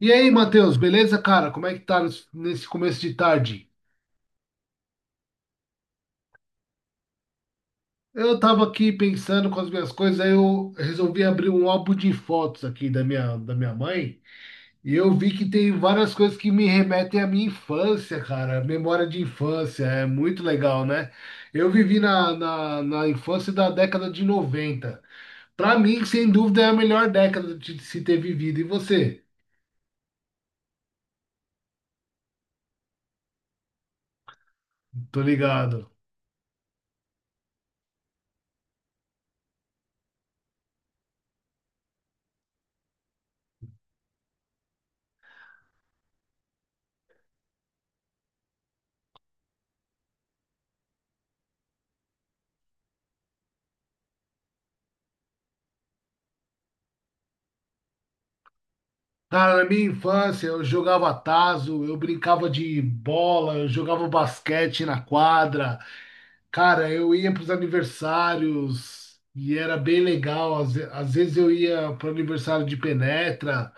E aí, Matheus, beleza, cara? Como é que tá nesse começo de tarde? Eu tava aqui pensando com as minhas coisas, aí eu resolvi abrir um álbum de fotos aqui da minha mãe, e eu vi que tem várias coisas que me remetem à minha infância, cara. Memória de infância, é muito legal, né? Eu vivi na infância da década de 90. Pra mim, sem dúvida, é a melhor década de se ter vivido. E você? Tô ligado. Cara, na minha infância, eu jogava tazo, eu brincava de bola, eu jogava basquete na quadra. Cara, eu ia para os aniversários e era bem legal. Às vezes eu ia para o aniversário de penetra.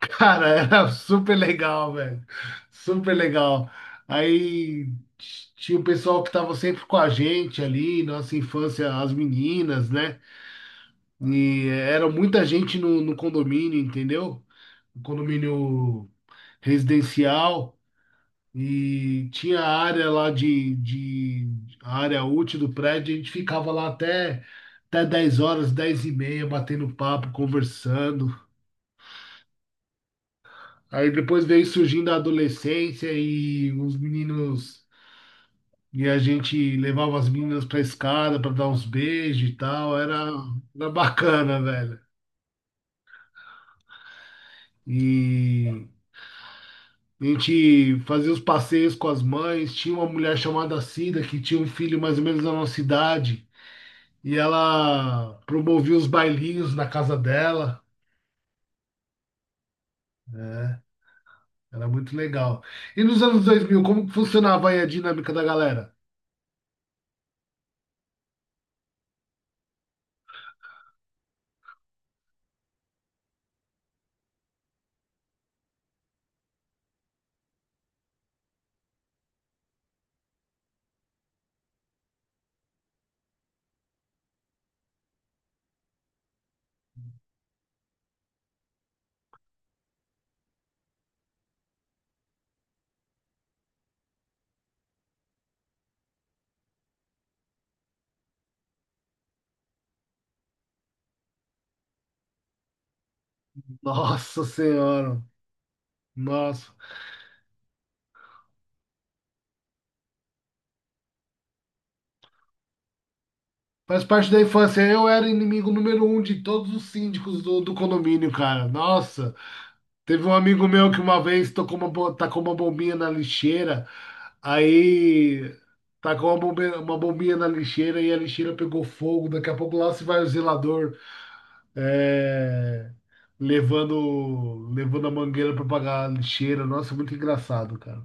Cara, era super legal, velho. Super legal. Aí tinha o pessoal que estava sempre com a gente ali, nossa infância, as meninas, né? E era muita gente no condomínio, entendeu? Um condomínio residencial, e tinha a área lá de a área útil do prédio. A gente ficava lá até, até 10 horas, 10 e meia, batendo papo, conversando. Aí depois veio surgindo a adolescência e os meninos. E a gente levava as meninas pra escada pra dar uns beijos e tal. Era, era bacana, velho. E a gente fazia os passeios com as mães. Tinha uma mulher chamada Cida que tinha um filho mais ou menos da nossa idade. E ela promovia os bailinhos na casa dela, né? Era muito legal. E nos anos 2000, como que funcionava aí a dinâmica da galera? Nossa Senhora, nossa. Faz parte da infância. Eu era inimigo número um de todos os síndicos do condomínio, cara. Nossa, teve um amigo meu que uma vez tocou uma, tacou uma bombinha na lixeira, aí tacou uma bombinha na lixeira, e a lixeira pegou fogo. Daqui a pouco lá se vai o zelador. É, levando, levando a mangueira para pagar a lixeira. Nossa, muito engraçado, cara.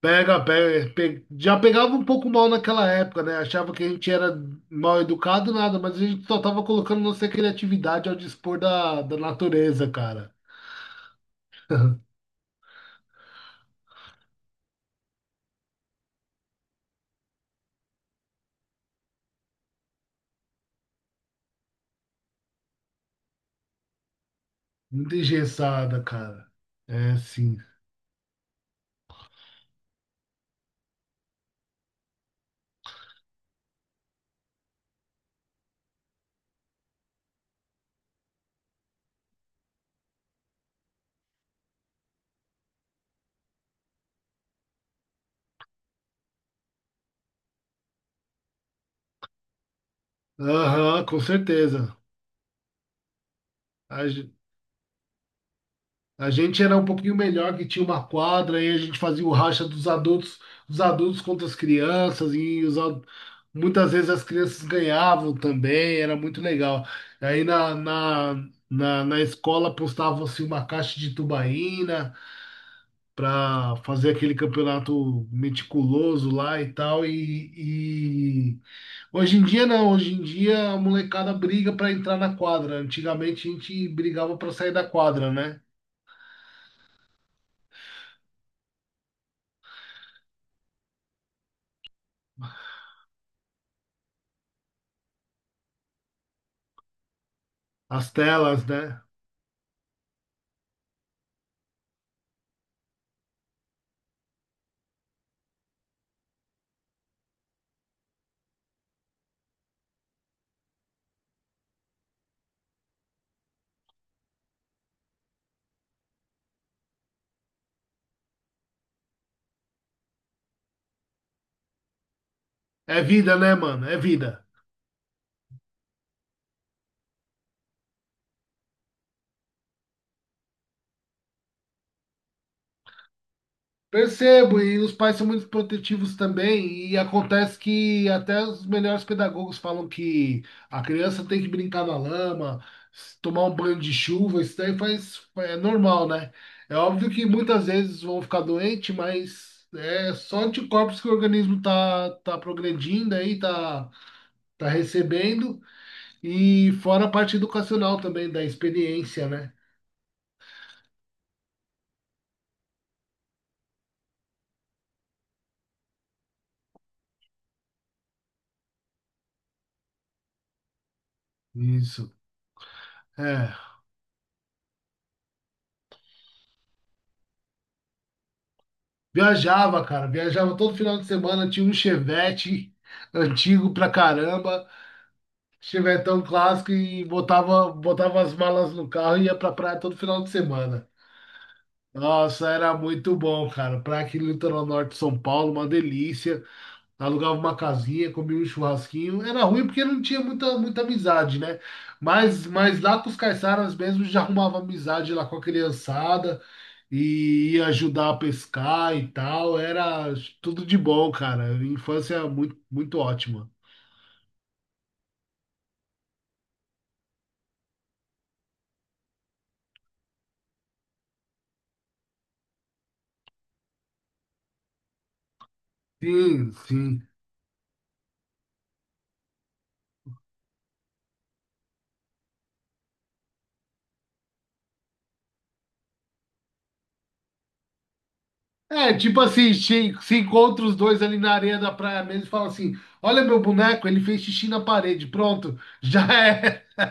Já pegava um pouco mal naquela época, né? Achava que a gente era mal educado, nada, mas a gente só tava colocando nossa criatividade ao dispor da natureza, cara. Muito engessada, cara. É, sim. Aham, com certeza. A gente era um pouquinho melhor, que tinha uma quadra, e a gente fazia o racha dos adultos, os adultos contra as crianças, e muitas vezes as crianças ganhavam também, era muito legal. Aí na escola postava-se uma caixa de tubaína para fazer aquele campeonato meticuloso lá e tal, hoje em dia não, hoje em dia a molecada briga para entrar na quadra. Antigamente a gente brigava para sair da quadra, né? As telas, né? É vida, né, mano? É vida. Percebo, e os pais são muito protetivos também, e acontece que até os melhores pedagogos falam que a criança tem que brincar na lama, tomar um banho de chuva, isso daí faz, é normal, né? É óbvio que muitas vezes vão ficar doentes, mas é só anticorpos que o organismo tá, tá progredindo aí, tá, tá recebendo, e fora a parte educacional também, da experiência, né? Isso. É. Viajava, cara, viajava todo final de semana, tinha um Chevette antigo pra caramba, Chevetão clássico, e botava, botava as malas no carro e ia pra praia todo final de semana. Nossa, era muito bom, cara. Praia aqui no litoral norte de São Paulo, uma delícia. Alugava uma casinha, comia um churrasquinho. Era ruim porque não tinha muita, muita amizade, né? Mas lá com os caiçaras mesmo já arrumava amizade lá com a criançada, e ia ajudar a pescar e tal. Era tudo de bom, cara. Infância muito, muito ótima. Sim, sim. É, tipo assim, se encontra os dois ali na areia da praia mesmo e fala assim: olha meu boneco, ele fez xixi na parede. Pronto, já é.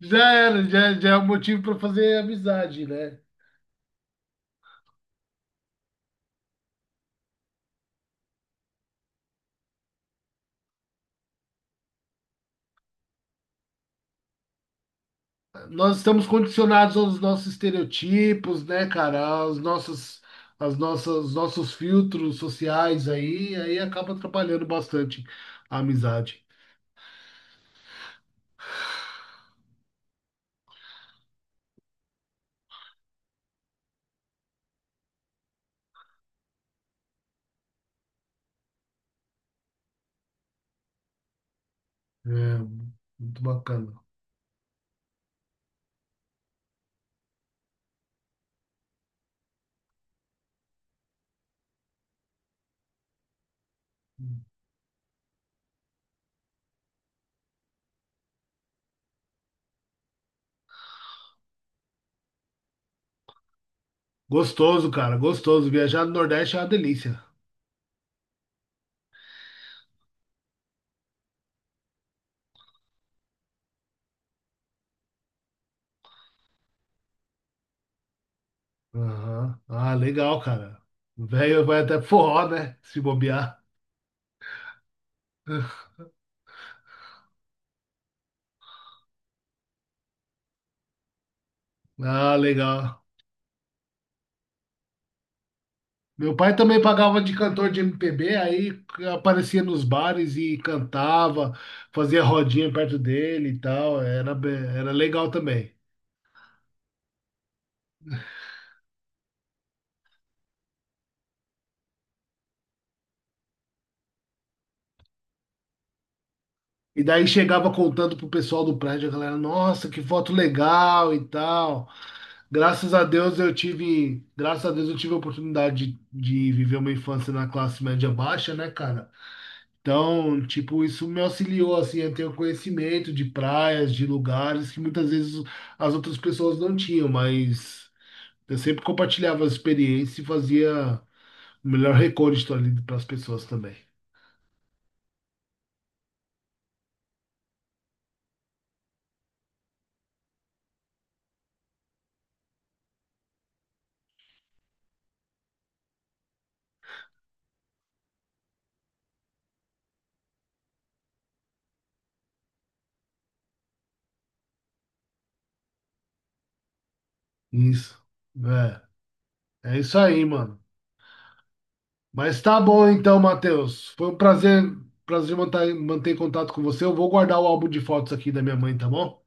Já é um motivo para fazer amizade, né? Nós estamos condicionados aos nossos estereotipos, né, cara? Aos nossos, nossos filtros sociais aí, aí acaba atrapalhando bastante a amizade. É, muito bacana. Gostoso, cara, gostoso. Viajar no Nordeste é uma delícia. Aham. Ah, legal, cara. O velho vai até forró, né? Se bobear. Ah, legal. Meu pai também pagava de cantor de MPB, aí aparecia nos bares e cantava, fazia rodinha perto dele e tal, era, era legal também. E daí chegava contando pro pessoal do prédio, a galera, nossa, que foto legal e tal. Graças a Deus eu tive, graças a Deus eu tive a oportunidade de viver uma infância na classe média baixa, né, cara? Então, tipo, isso me auxiliou assim a ter o conhecimento de praias, de lugares que muitas vezes as outras pessoas não tinham, mas eu sempre compartilhava as experiências e fazia o melhor recorde ali para as pessoas também. Isso. É, é isso aí, mano. Mas tá bom então, Matheus. Foi um prazer, prazer manter, manter contato com você. Eu vou guardar o álbum de fotos aqui da minha mãe, tá bom?